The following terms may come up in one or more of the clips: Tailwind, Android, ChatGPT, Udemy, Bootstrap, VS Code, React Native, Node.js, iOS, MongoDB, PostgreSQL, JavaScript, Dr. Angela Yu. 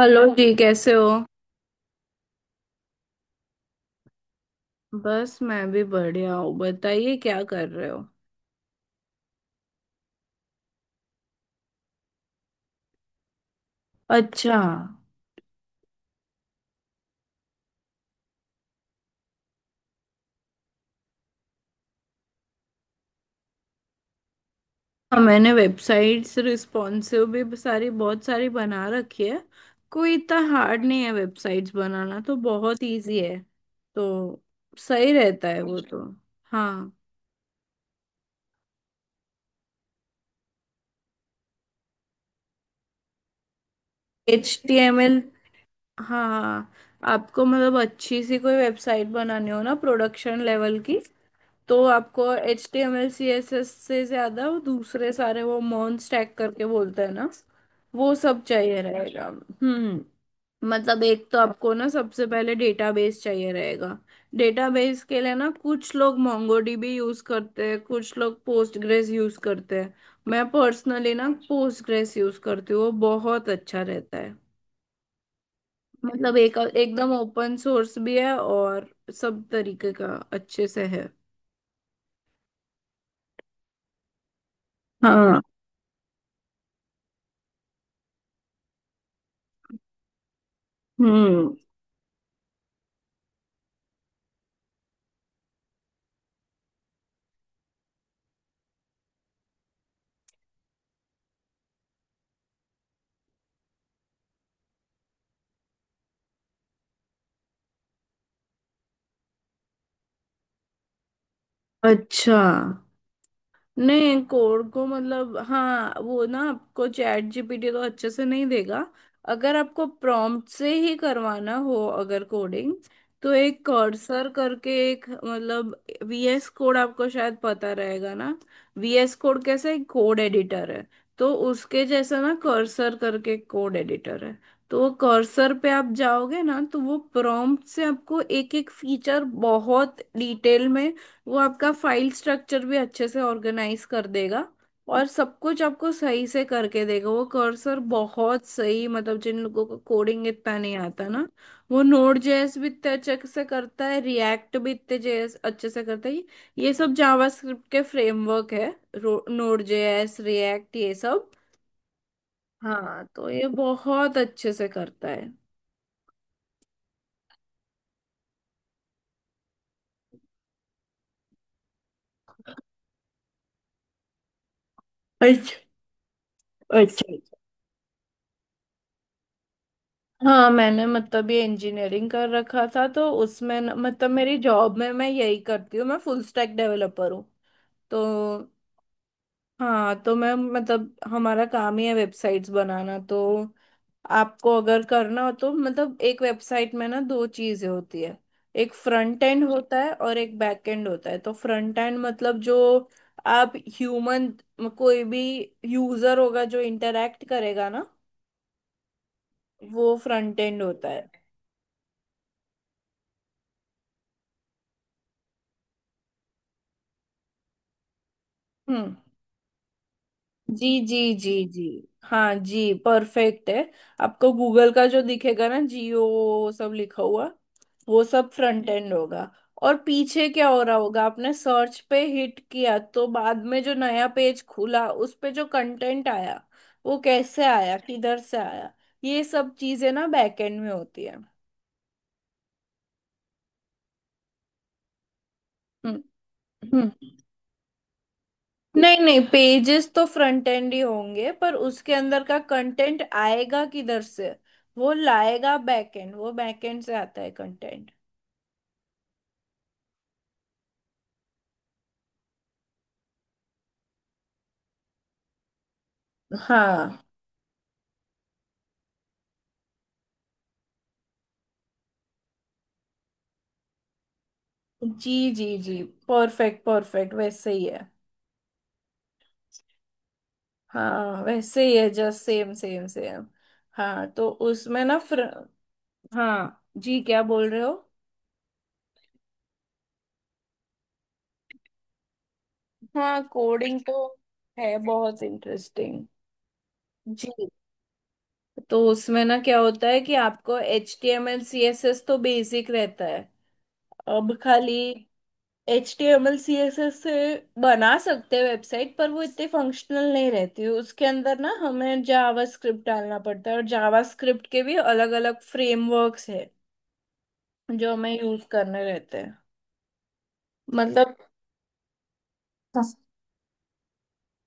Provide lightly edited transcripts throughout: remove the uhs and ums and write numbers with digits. Hello जी, कैसे हो? बस मैं भी बढ़िया हूँ, बताइए क्या कर रहे हो? अच्छा। हाँ, मैंने वेबसाइट्स रिस्पॉन्सिव भी सारी बहुत सारी बना रखी है। कोई इतना हार्ड नहीं है, वेबसाइट्स बनाना तो बहुत इजी है। तो सही रहता है वो तो। हाँ। H T M L. हाँ हाँ। आपको मतलब अच्छी सी कोई वेबसाइट बनानी हो ना प्रोडक्शन लेवल की, तो आपको HTML CSS से ज्यादा वो दूसरे सारे वो मॉन स्टैक करके बोलते हैं ना, वो सब चाहिए रहेगा। हम्म। मतलब एक तो आपको ना सबसे पहले डेटाबेस चाहिए रहेगा। डेटाबेस के लिए ना कुछ लोग MongoDB यूज करते हैं, कुछ लोग पोस्टग्रेस यूज करते हैं। मैं पर्सनली ना पोस्टग्रेस यूज करती हूँ, वो बहुत अच्छा रहता है। मतलब एक एकदम ओपन सोर्स भी है और सब तरीके का अच्छे से है। हाँ। हम्म। अच्छा। नहीं, कोड को मतलब हाँ वो ना आपको चैट GPT तो अच्छे से नहीं देगा। अगर आपको प्रॉम्प्ट से ही करवाना हो अगर कोडिंग, तो एक कर्सर करके एक मतलब VS कोड आपको शायद पता रहेगा ना। VS कोड कैसे एक कोड एडिटर है। तो उसके जैसा ना कर्सर करके कोड एडिटर है। तो वो कर्सर पे आप जाओगे ना तो वो प्रॉम्प्ट से आपको एक एक फीचर बहुत डिटेल में, वो आपका फाइल स्ट्रक्चर भी अच्छे से ऑर्गेनाइज कर देगा। और सब कुछ आपको सही से करके देगा। वो कर्सर बहुत सही मतलब जिन लोगों को कोडिंग इतना नहीं आता ना, वो Node JS भी इतने अच्छे से करता है, रिएक्ट भी इतने जेएस अच्छे से करता है। ये सब जावास्क्रिप्ट के फ्रेमवर्क है, Node JS रिएक्ट ये सब। हाँ तो ये बहुत अच्छे से करता है। अच्छा। अच्छा। हाँ मैंने मतलब ये इंजीनियरिंग कर रखा था तो उसमें मतलब मेरी जॉब में मैं यही करती हूँ, मैं फुल स्टैक डेवलपर हूँ। तो हाँ तो मैं मतलब हमारा काम ही है वेबसाइट्स बनाना तो। आपको अगर करना हो तो मतलब एक वेबसाइट में ना दो चीजें होती है। एक फ्रंट एंड होता है और एक बैक एंड होता है। तो फ्रंट एंड मतलब जो आप ह्यूमन कोई भी यूजर होगा जो इंटरेक्ट करेगा ना, वो फ्रंट एंड होता है। हम्म। जी जी जी जी। हाँ जी, परफेक्ट है। आपको गूगल का जो दिखेगा ना जियो सब लिखा हुआ, वो सब फ्रंट एंड होगा। और पीछे क्या हो रहा होगा, आपने सर्च पे हिट किया तो बाद में जो नया पेज खुला उस पे जो कंटेंट आया, वो कैसे आया किधर से आया, ये सब चीजें ना बैक एंड में होती है। हम्म। नहीं नहीं, पेजेस तो फ्रंट एंड ही होंगे पर उसके अंदर का कंटेंट आएगा किधर से, वो लाएगा बैक एंड, वो बैक एंड से आता है कंटेंट। हाँ जी जी जी। परफेक्ट परफेक्ट, वैसे ही है। हाँ वैसे ही है, जस्ट सेम सेम सेम। हाँ तो उसमें ना हाँ जी, क्या बोल रहे हो? हाँ कोडिंग तो है बहुत इंटरेस्टिंग। जी। तो उसमें ना क्या होता है कि आपको H T M L C S S तो बेसिक रहता है। अब खाली HTML CSS से बना सकते हैं वेबसाइट पर वो इतनी फंक्शनल नहीं रहती। उसके अंदर ना हमें जावा स्क्रिप्ट डालना पड़ता है और जावा स्क्रिप्ट के भी अलग अलग फ्रेमवर्क्स है जो हमें यूज करने रहते हैं। मतलब।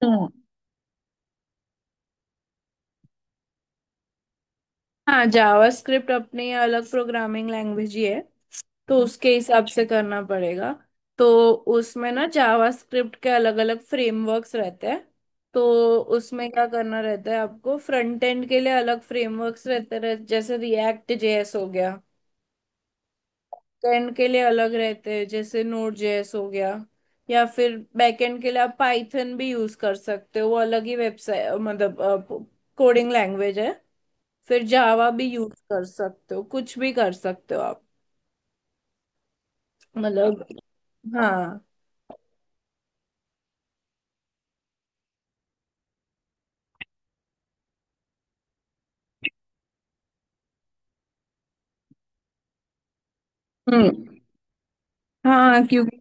हम्म। हाँ जावास्क्रिप्ट अपनी अलग प्रोग्रामिंग लैंग्वेज ही है, तो उसके हिसाब से करना पड़ेगा। तो उसमें ना जावास्क्रिप्ट के अलग अलग फ्रेमवर्क्स रहते हैं। तो उसमें क्या करना रहता है आपको फ्रंट एंड के लिए अलग फ्रेमवर्क्स रहते रह जैसे React JS हो गया। एंड के लिए अलग रहते हैं जैसे Node JS हो गया। या फिर बैकएंड के लिए आप पाइथन भी यूज कर सकते हो, वो अलग ही वेबसाइट मतलब कोडिंग लैंग्वेज है। फिर जावा भी यूज कर सकते हो, कुछ भी कर सकते हो आप। मतलब हाँ। हम्म। हाँ क्योंकि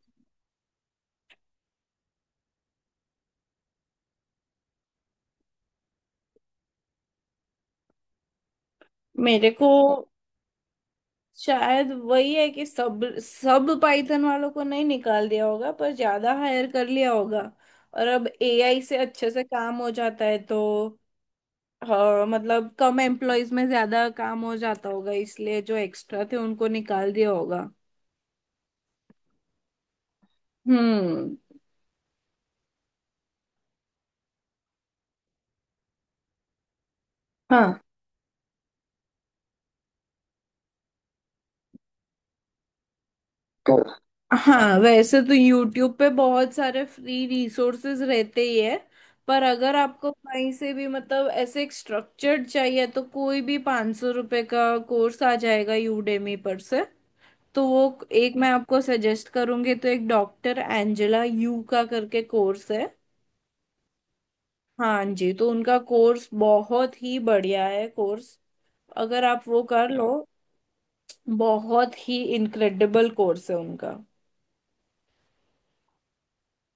मेरे को शायद वही है कि सब सब पाइथन वालों को नहीं निकाल दिया होगा पर ज्यादा हायर कर लिया होगा। और अब AI से अच्छे से काम हो जाता है तो हाँ, मतलब कम एम्प्लॉयज में ज्यादा काम हो जाता होगा इसलिए जो एक्स्ट्रा थे उनको निकाल दिया होगा। हम्म। हाँ तो हाँ वैसे तो YouTube पे बहुत सारे फ्री रिसोर्सेज रहते ही है। पर अगर आपको कहीं से भी मतलब ऐसे एक स्ट्रक्चर्ड चाहिए तो कोई भी 500 रुपये का कोर्स आ जाएगा Udemy पर से। तो वो एक मैं आपको सजेस्ट करूंगी तो एक डॉक्टर एंजेला यू का करके कोर्स है। हाँ जी, तो उनका कोर्स बहुत ही बढ़िया है कोर्स। अगर आप वो कर लो, बहुत ही इनक्रेडिबल कोर्स है उनका।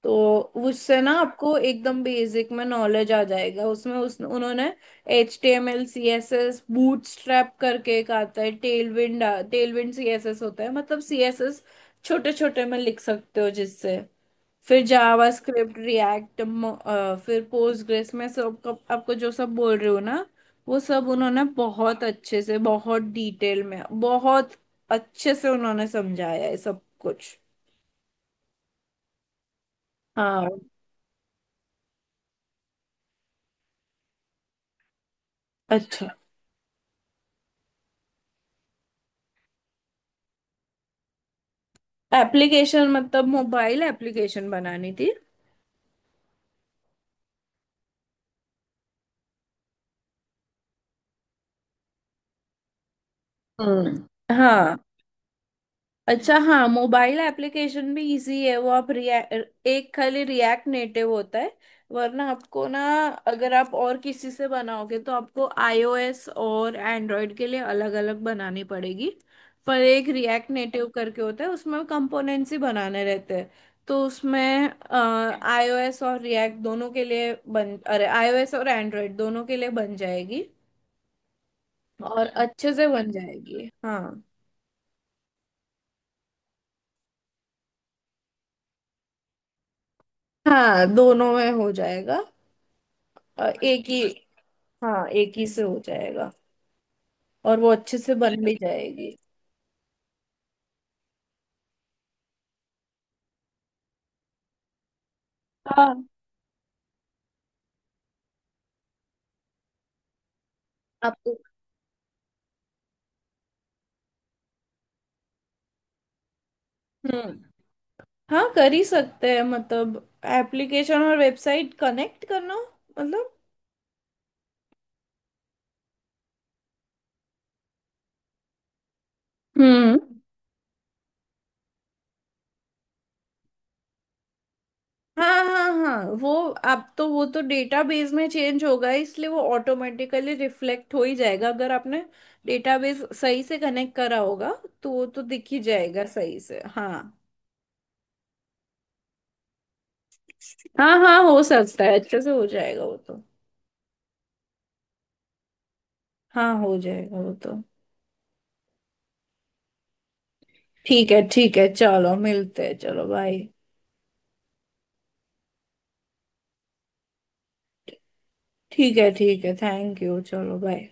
तो उससे ना आपको एकदम बेसिक में नॉलेज आ जाएगा। उसमें उस उन्होंने HTML CSS बूटस्ट्रैप करके एक आता है टेलविंड। टेलविंड CSS होता है, मतलब CSS छोटे छोटे में लिख सकते हो जिससे। फिर जावा स्क्रिप्ट रिएक्ट। फिर पोस्टग्रेस में आपको जो सब बोल रहे हो ना, वो सब उन्होंने बहुत अच्छे से बहुत डिटेल में बहुत अच्छे से उन्होंने समझाया है सब कुछ। हाँ। अच्छा। एप्लीकेशन मतलब मोबाइल एप्लीकेशन बनानी थी? हम्म। हाँ। अच्छा हाँ, मोबाइल एप्लीकेशन भी इजी है। वो आप रिएक्ट एक खाली रिएक्ट नेटिव होता है। वरना आपको ना अगर आप और किसी से बनाओगे तो आपको iOS और एंड्रॉयड के लिए अलग अलग बनानी पड़ेगी। पर एक रिएक्ट नेटिव करके होता है उसमें कंपोनेंट्स ही बनाने रहते हैं। तो उसमें iOS और रिएक्ट दोनों के लिए बन अरे iOS और एंड्रॉयड दोनों के लिए बन जाएगी। और अच्छे से बन जाएगी। हाँ। हाँ दोनों में हो जाएगा। एक ही, हाँ एक ही से हो जाएगा। और वो अच्छे से बन भी जाएगी। हाँ। आपको। हम्म। हाँ कर ही सकते हैं मतलब एप्लीकेशन और वेबसाइट कनेक्ट करना मतलब। हम्म। हाँ हाँ हाँ, वो आप तो वो तो डेटाबेस में चेंज होगा इसलिए वो ऑटोमेटिकली रिफ्लेक्ट हो ही जाएगा अगर आपने डेटाबेस सही से कनेक्ट करा होगा। तो वो तो दिख ही जाएगा सही से, हाँ। हाँ हाँ हो सकता है, अच्छे से हो जाएगा वो तो। हाँ हो जाएगा वो तो। ठीक है ठीक है, चलो मिलते हैं, चलो बाय। ठीक है ठीक है, थैंक यू, चलो बाय।